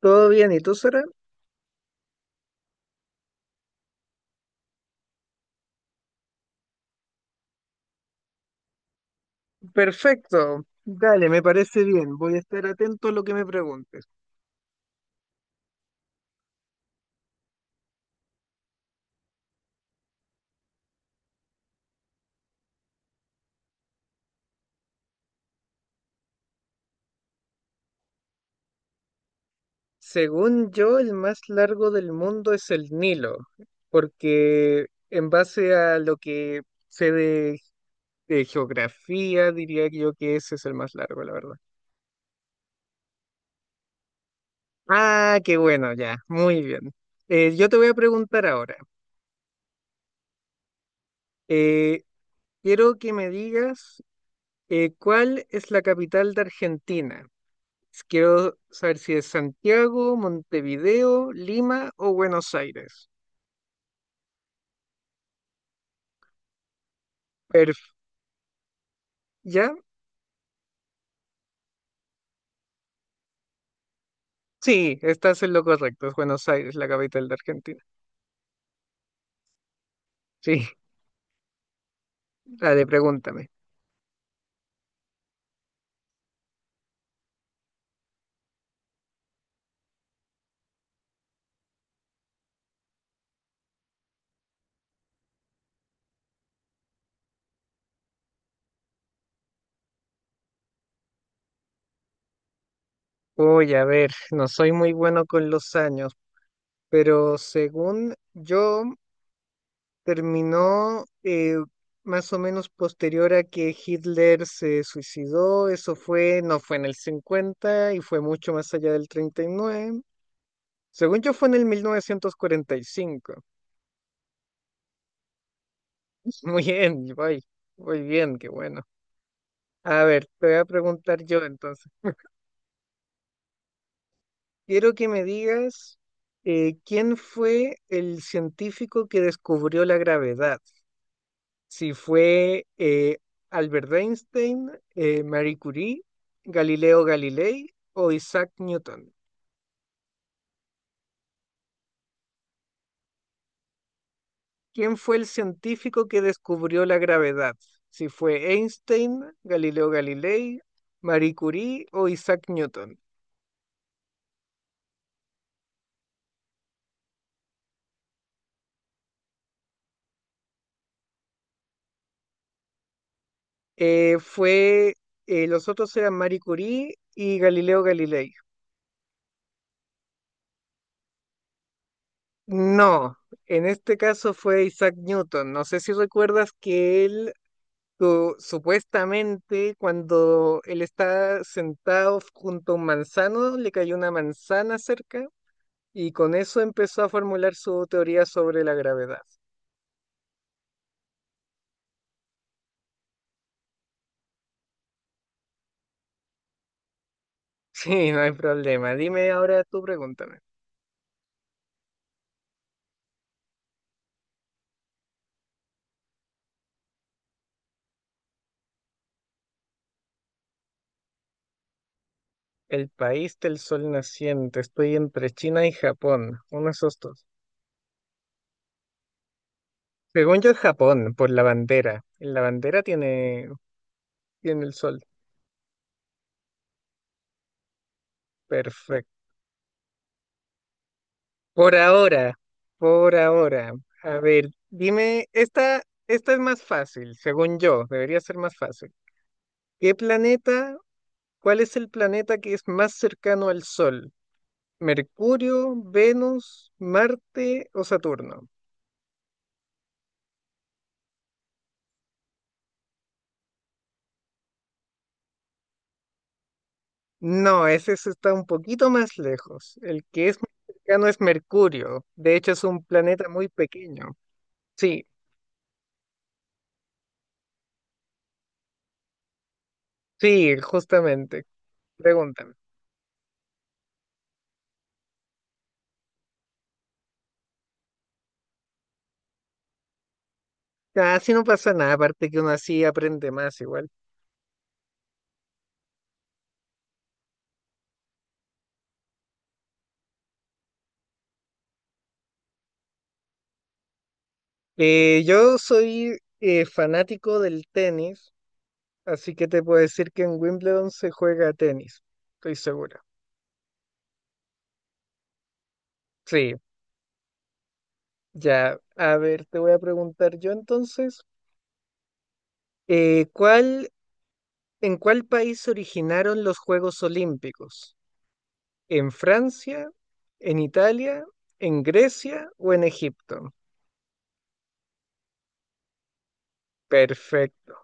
Todo bien, ¿y tú, Sara? Perfecto. Dale, me parece bien. Voy a estar atento a lo que me preguntes. Según yo, el más largo del mundo es el Nilo, porque en base a lo que sé de geografía, diría yo que ese es el más largo, la verdad. Ah, qué bueno, ya, muy bien. Yo te voy a preguntar ahora. eh, Quiero que me digas cuál es la capital de Argentina. Quiero saber si es Santiago, Montevideo, Lima o Buenos Aires. Perf- ¿Ya? Sí, estás en lo correcto. Es Buenos Aires, la capital de Argentina. Sí, dale, pregúntame. Oye, a ver, no soy muy bueno con los años, pero según yo, terminó más o menos posterior a que Hitler se suicidó. Eso fue, no fue en el 50 y fue mucho más allá del 39. Según yo, fue en el 1945. Muy bien, voy, muy bien, qué bueno. A ver, te voy a preguntar yo entonces. Quiero que me digas quién fue el científico que descubrió la gravedad. Si fue Albert Einstein, Marie Curie, Galileo Galilei o Isaac Newton. ¿Quién fue el científico que descubrió la gravedad? Si fue Einstein, Galileo Galilei, Marie Curie o Isaac Newton. Eh, fue, los otros eran Marie Curie y Galileo Galilei. No, en este caso fue Isaac Newton. No sé si recuerdas que él supuestamente cuando él está sentado junto a un manzano, le cayó una manzana cerca y con eso empezó a formular su teoría sobre la gravedad. Sí, no hay problema. Dime ahora tú, pregúntame. El país del sol naciente. Estoy entre China y Japón. Uno de esos dos. Según yo es Japón, por la bandera. Tiene el sol. Perfecto. Por ahora, por ahora. A ver, dime, esta es más fácil, según yo, debería ser más fácil. ¿Qué planeta, ¿Cuál es el planeta que es más cercano al Sol? ¿Mercurio, Venus, Marte o Saturno? No, ese sí está un poquito más lejos. El que es más cercano es Mercurio. De hecho, es un planeta muy pequeño. Sí, Sí, justamente. Pregúntame. Ah, así no pasa nada, aparte que uno así aprende más igual. Yo soy fanático del tenis, así que te puedo decir que en Wimbledon se juega tenis, estoy seguro. Sí, ya. A ver, te voy a preguntar yo entonces, eh, ¿cuál, en cuál país se originaron los Juegos Olímpicos? ¿En Francia, en Italia, en Grecia o en Egipto? Perfecto,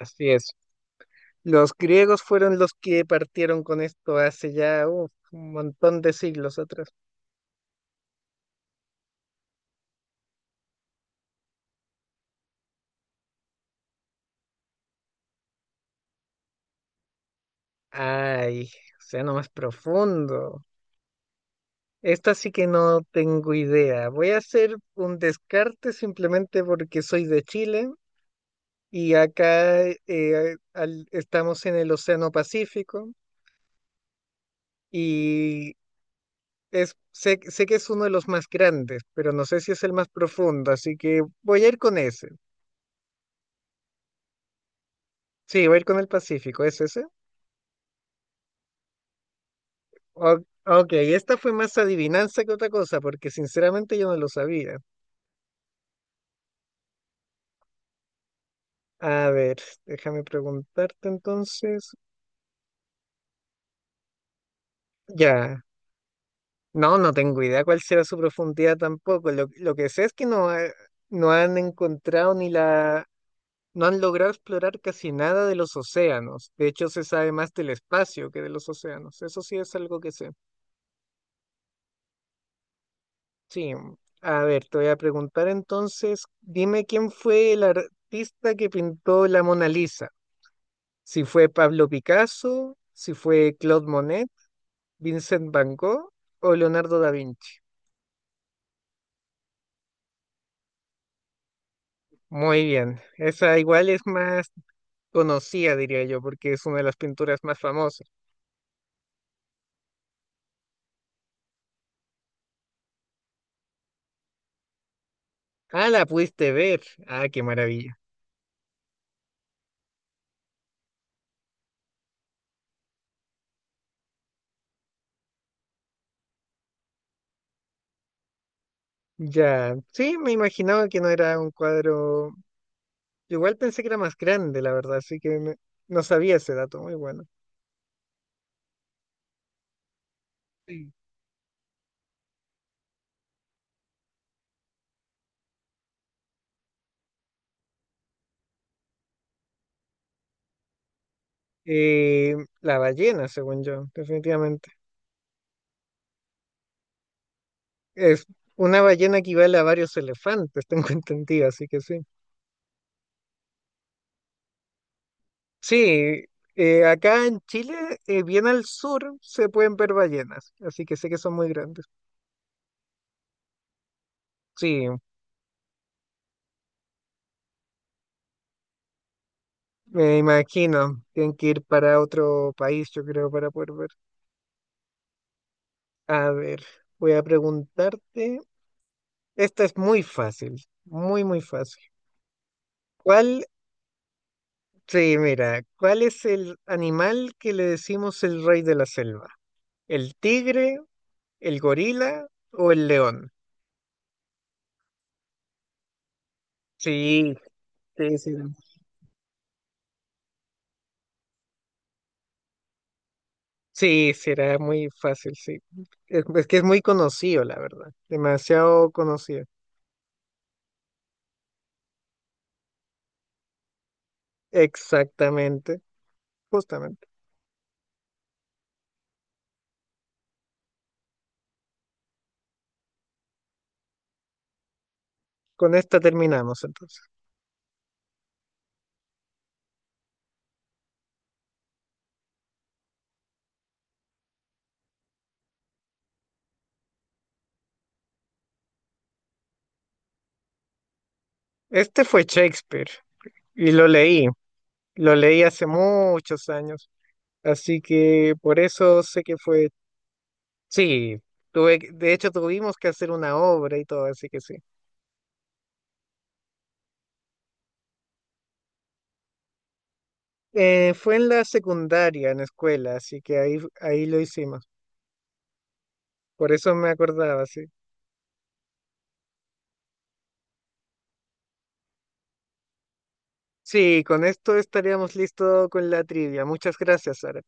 así es. Los griegos fueron los que partieron con esto hace ya uf, un montón de siglos atrás. Ay, sea no más profundo. Esta sí que no tengo idea. Voy a hacer un descarte simplemente porque soy de Chile y acá estamos en el Océano Pacífico y sé que es uno de los más grandes, pero no sé si es el más profundo, así que voy a ir con ese. Sí, voy a ir con el Pacífico, ¿es ese? O- ok, esta fue más adivinanza que otra cosa, porque sinceramente yo no lo sabía. A ver, déjame preguntarte entonces. Ya, no, no tengo idea cuál será su profundidad tampoco. Lo que sé es que no, no han encontrado ni la... No han logrado explorar casi nada de los océanos. De hecho, se sabe más del espacio que de los océanos. Eso sí es algo que sé. Sí. A ver, te voy a preguntar entonces, dime quién fue el artista que pintó la Mona Lisa. Si fue Pablo Picasso, si fue Claude Monet, Vincent Van Gogh o Leonardo da Vinci. Muy bien, esa igual es más conocida, diría yo, porque es una de las pinturas más famosas. Ah, la pudiste ver. Ah, qué maravilla. Ya, sí, me imaginaba que no era un cuadro. Igual pensé que era más grande, la verdad, no sabía ese dato, muy bueno. Sí. Eh, la ballena, según yo, definitivamente. Es Una ballena equivale a varios elefantes, tengo entendido, así que sí. Sí, acá en Chile, bien al sur, se pueden ver ballenas, así que sé que son muy grandes. Sí, me imagino, tienen que ir para otro país, yo creo, para poder ver. A ver, voy a preguntarte. Esta es muy fácil, muy, muy fácil. ¿Cuál, sí, mira, ¿cuál es el animal que le decimos el rey de la selva? ¿El tigre, el gorila o el león? Sí, sí, sí, sí, será muy fácil, sí. Es que es muy conocido, la verdad. Demasiado conocido. Exactamente, justamente. Con esta terminamos entonces. Este fue Shakespeare y lo leí. Lo leí hace muchos años. Así que por eso sé que fue. Sí, de hecho tuvimos que hacer una obra y todo, así que sí. Fue en la secundaria, en la escuela, así que ahí lo hicimos. Por eso me acordaba, sí. Sí, con esto estaríamos listos con la trivia. Muchas gracias, Sara.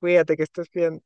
Cuídate, que estés bien.